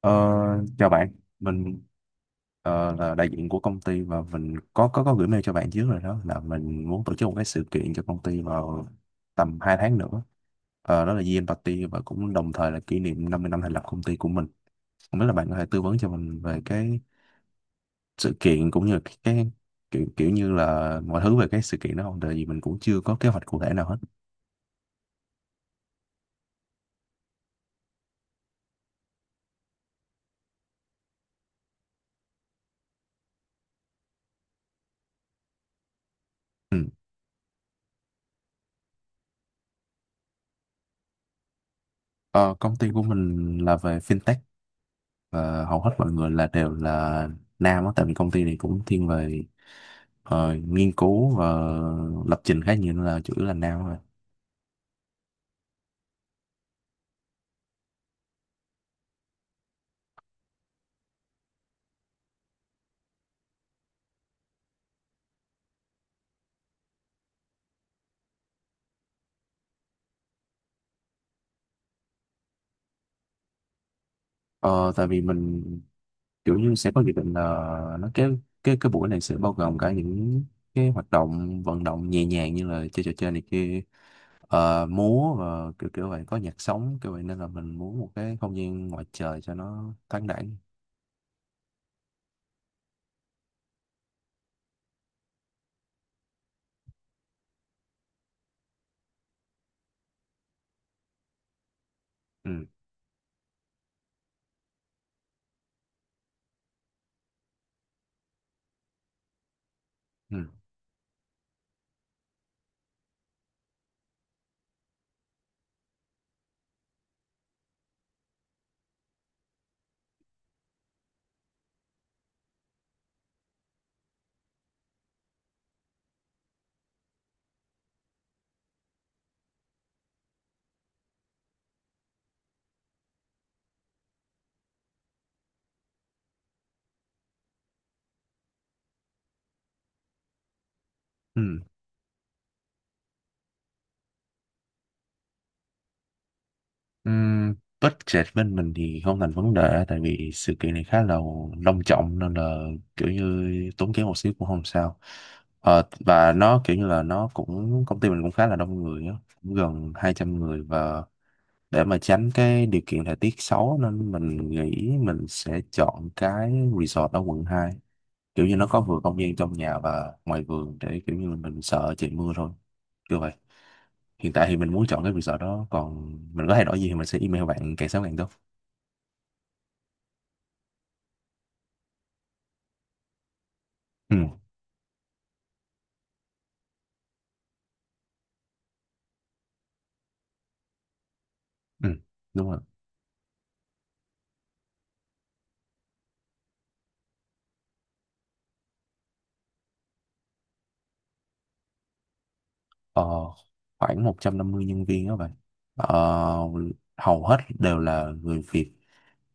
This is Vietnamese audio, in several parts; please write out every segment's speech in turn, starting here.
Ờ, chào bạn, mình là đại diện của công ty và mình có gửi mail cho bạn trước rồi, đó là mình muốn tổ chức một cái sự kiện cho công ty vào tầm 2 tháng nữa. Đó là Year End Party và cũng đồng thời là kỷ niệm 50 năm thành lập công ty của mình. Không biết là bạn có thể tư vấn cho mình về cái sự kiện cũng như cái kiểu kiểu như là mọi thứ về cái sự kiện đó không? Tại vì mình cũng chưa có kế hoạch cụ thể nào hết. Ừ. Ờ, công ty của mình là về fintech và hầu hết mọi người là đều là nam á, tại vì công ty này cũng thiên về nghiên cứu và lập trình khá nhiều nên là chủ yếu là nam rồi. Ờ, tại vì mình kiểu như sẽ có dự định là nó cái buổi này sẽ bao gồm cả những cái hoạt động vận động nhẹ nhàng như là chơi trò chơi này kia, múa và kiểu kiểu vậy, có nhạc sống kiểu vậy nên là mình muốn một cái không gian ngoài trời cho nó thoáng đãng. Ừ. Ừ. Ừ. Ừm, budget bên mình thì không thành vấn đề tại vì sự kiện này khá là long trọng nên là kiểu như tốn kém một xíu cũng không sao. Và nó kiểu như là nó cũng công ty mình cũng khá là đông người á, cũng gần 200 người và để mà tránh cái điều kiện thời tiết xấu nên mình nghĩ mình sẽ chọn cái resort ở quận 2, kiểu như nó có vừa không gian trong nhà và ngoài vườn để kiểu như mình sợ trời mưa thôi kiểu vậy. Hiện tại thì mình muốn chọn cái resort đó, còn mình có thay đổi gì thì mình sẽ email bạn càng sớm càng tốt. Ừ, ừ, đúng rồi. Ờ, khoảng 150 nhân viên đó bạn, ờ, hầu hết đều là người Việt,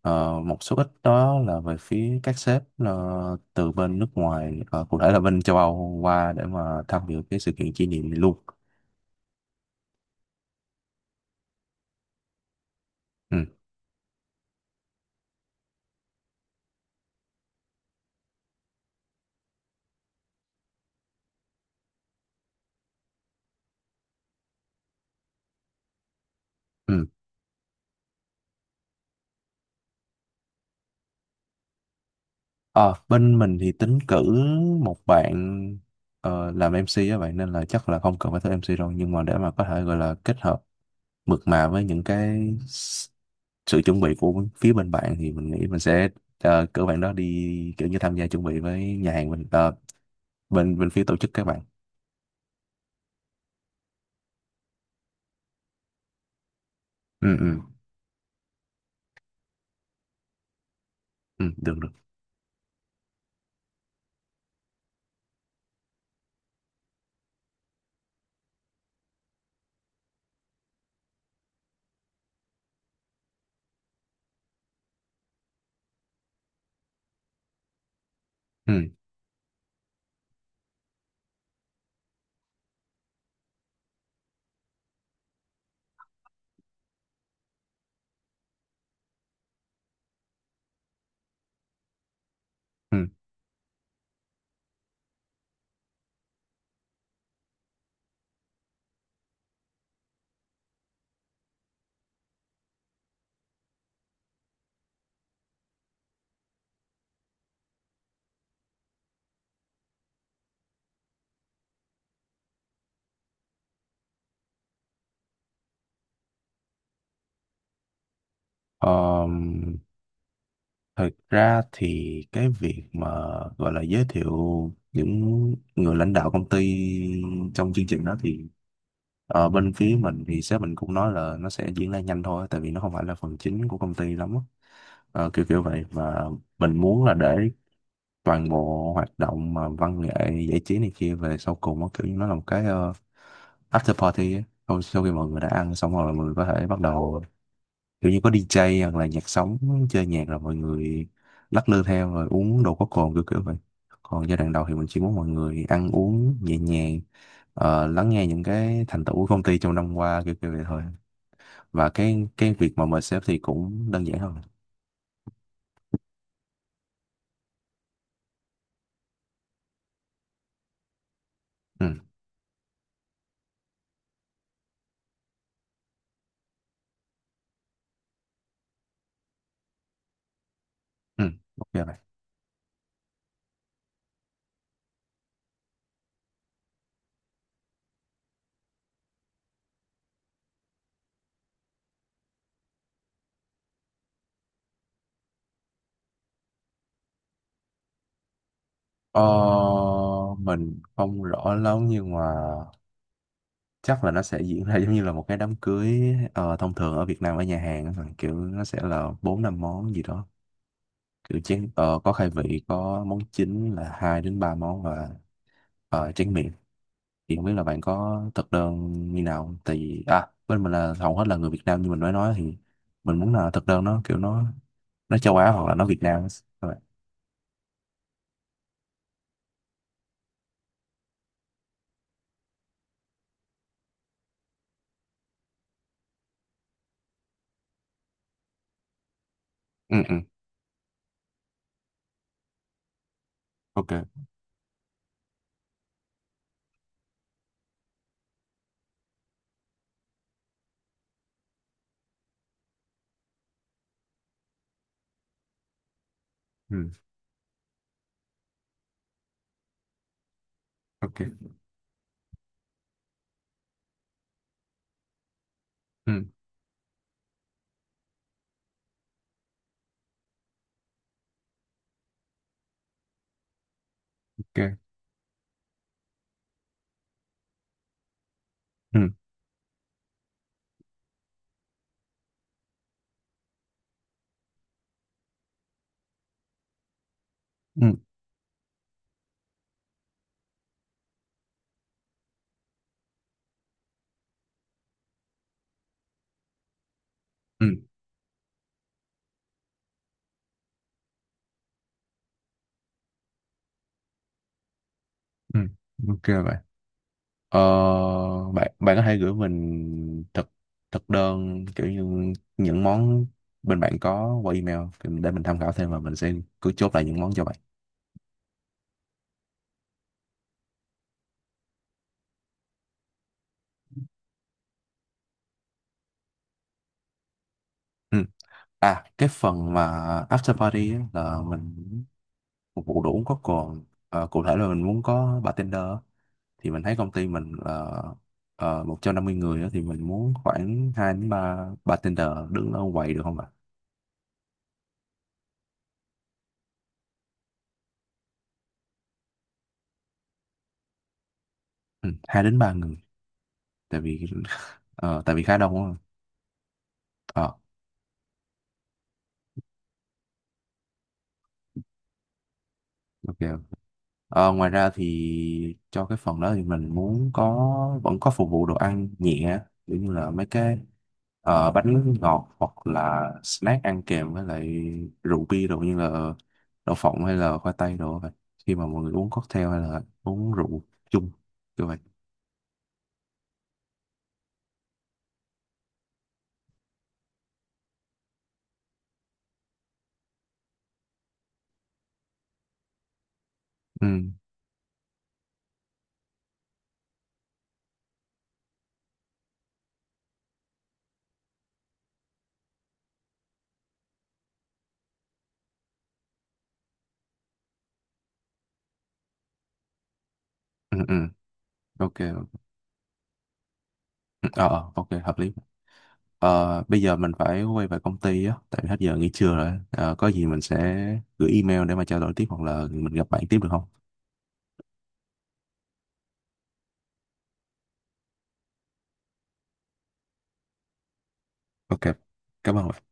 một số ít đó là về phía các sếp từ bên nước ngoài, cụ thể là bên châu Âu qua để mà tham dự cái sự kiện kỷ niệm này luôn. Ừ. Ừ. Ờ, bên mình thì tính cử một bạn làm MC á, vậy nên là chắc là không cần phải thuê MC đâu, nhưng mà để mà có thể gọi là kết hợp mượt mà với những cái s- sự chuẩn bị của phía bên bạn thì mình nghĩ mình sẽ cử bạn đó đi kiểu như tham gia chuẩn bị với nhà hàng bên ờ, bên bên phía tổ chức các bạn. Ừ, ừ, ừ, được, được. Ừ, ừ. Ờm, thật ra thì cái việc mà gọi là giới thiệu những người lãnh đạo công ty trong chương trình đó thì bên phía mình thì sếp mình cũng nói là nó sẽ diễn ra nhanh thôi tại vì nó không phải là phần chính của công ty lắm á. Kiểu kiểu vậy và mình muốn là để toàn bộ hoạt động mà văn nghệ giải trí này kia về sau cùng nó kiểu như nó là một cái after party á. Sau khi mọi người đã ăn xong rồi mọi người có thể bắt đầu kiểu như có đi DJ hoặc là nhạc sống chơi nhạc, rồi mọi người lắc lư theo rồi uống đồ có cồn kiểu kiểu vậy. Còn giai đoạn đầu thì mình chỉ muốn mọi người ăn uống nhẹ nhàng, lắng nghe những cái thành tựu của công ty trong năm qua kiểu kiểu vậy thôi, và cái việc mà mời sếp thì cũng đơn giản hơn. Ừ, ừ, ok vậy. Ờ, mình không rõ lắm nhưng mà chắc là nó sẽ diễn ra giống như là một cái đám cưới thông thường ở Việt Nam ở nhà hàng á, kiểu nó sẽ là bốn năm món gì đó kiểu chén, có khai vị có món chính là hai đến ba món và tráng miệng, thì không biết là bạn có thực đơn như nào không? Tại vì à bên mình là hầu hết là người Việt Nam như mình mới nói, thì mình muốn là thực đơn nó kiểu nó châu Á hoặc là nó Việt Nam á. Các bạn. Ừ, ừ, ok. Ừ, ok. Ừ, ok. Ừ, ừ, ừ, ừ, ok bạn. Ờ, bạn bạn có thể gửi mình thực thực đơn kiểu như những món bên bạn có qua email thì để mình tham khảo thêm và mình sẽ cứ chốt lại những món cho bạn. Ừ. À, cái phần mà after party á, là mình phục vụ đồ uống có cồn. Ờ, cụ thể là mình muốn có bartender á. Thì mình thấy công ty mình là 150 người á, thì mình muốn khoảng 2 đến 3 bartender đứng ở quầy được không ạ? Ừ, 2 đến 3 người, tại vì tại vì khá đông á. Ờ. Ok. Ngoài ra thì cho cái phần đó thì mình muốn có vẫn có phục vụ đồ ăn nhẹ kiểu như là mấy cái bánh ngọt hoặc là snack ăn kèm với lại rượu bia đồ như là đậu phộng hay là khoai tây đồ vậy, khi mà mọi người uống cocktail hay là uống rượu chung như vậy. Ừ, ừ, ừ, ok. Ừ, ok hợp lý. Bây giờ mình phải quay về công ty á tại vì hết giờ nghỉ trưa rồi. Ờ, có gì mình sẽ gửi email để mà trao đổi tiếp hoặc là mình gặp bạn tiếp được không? Ok, cảm ơn.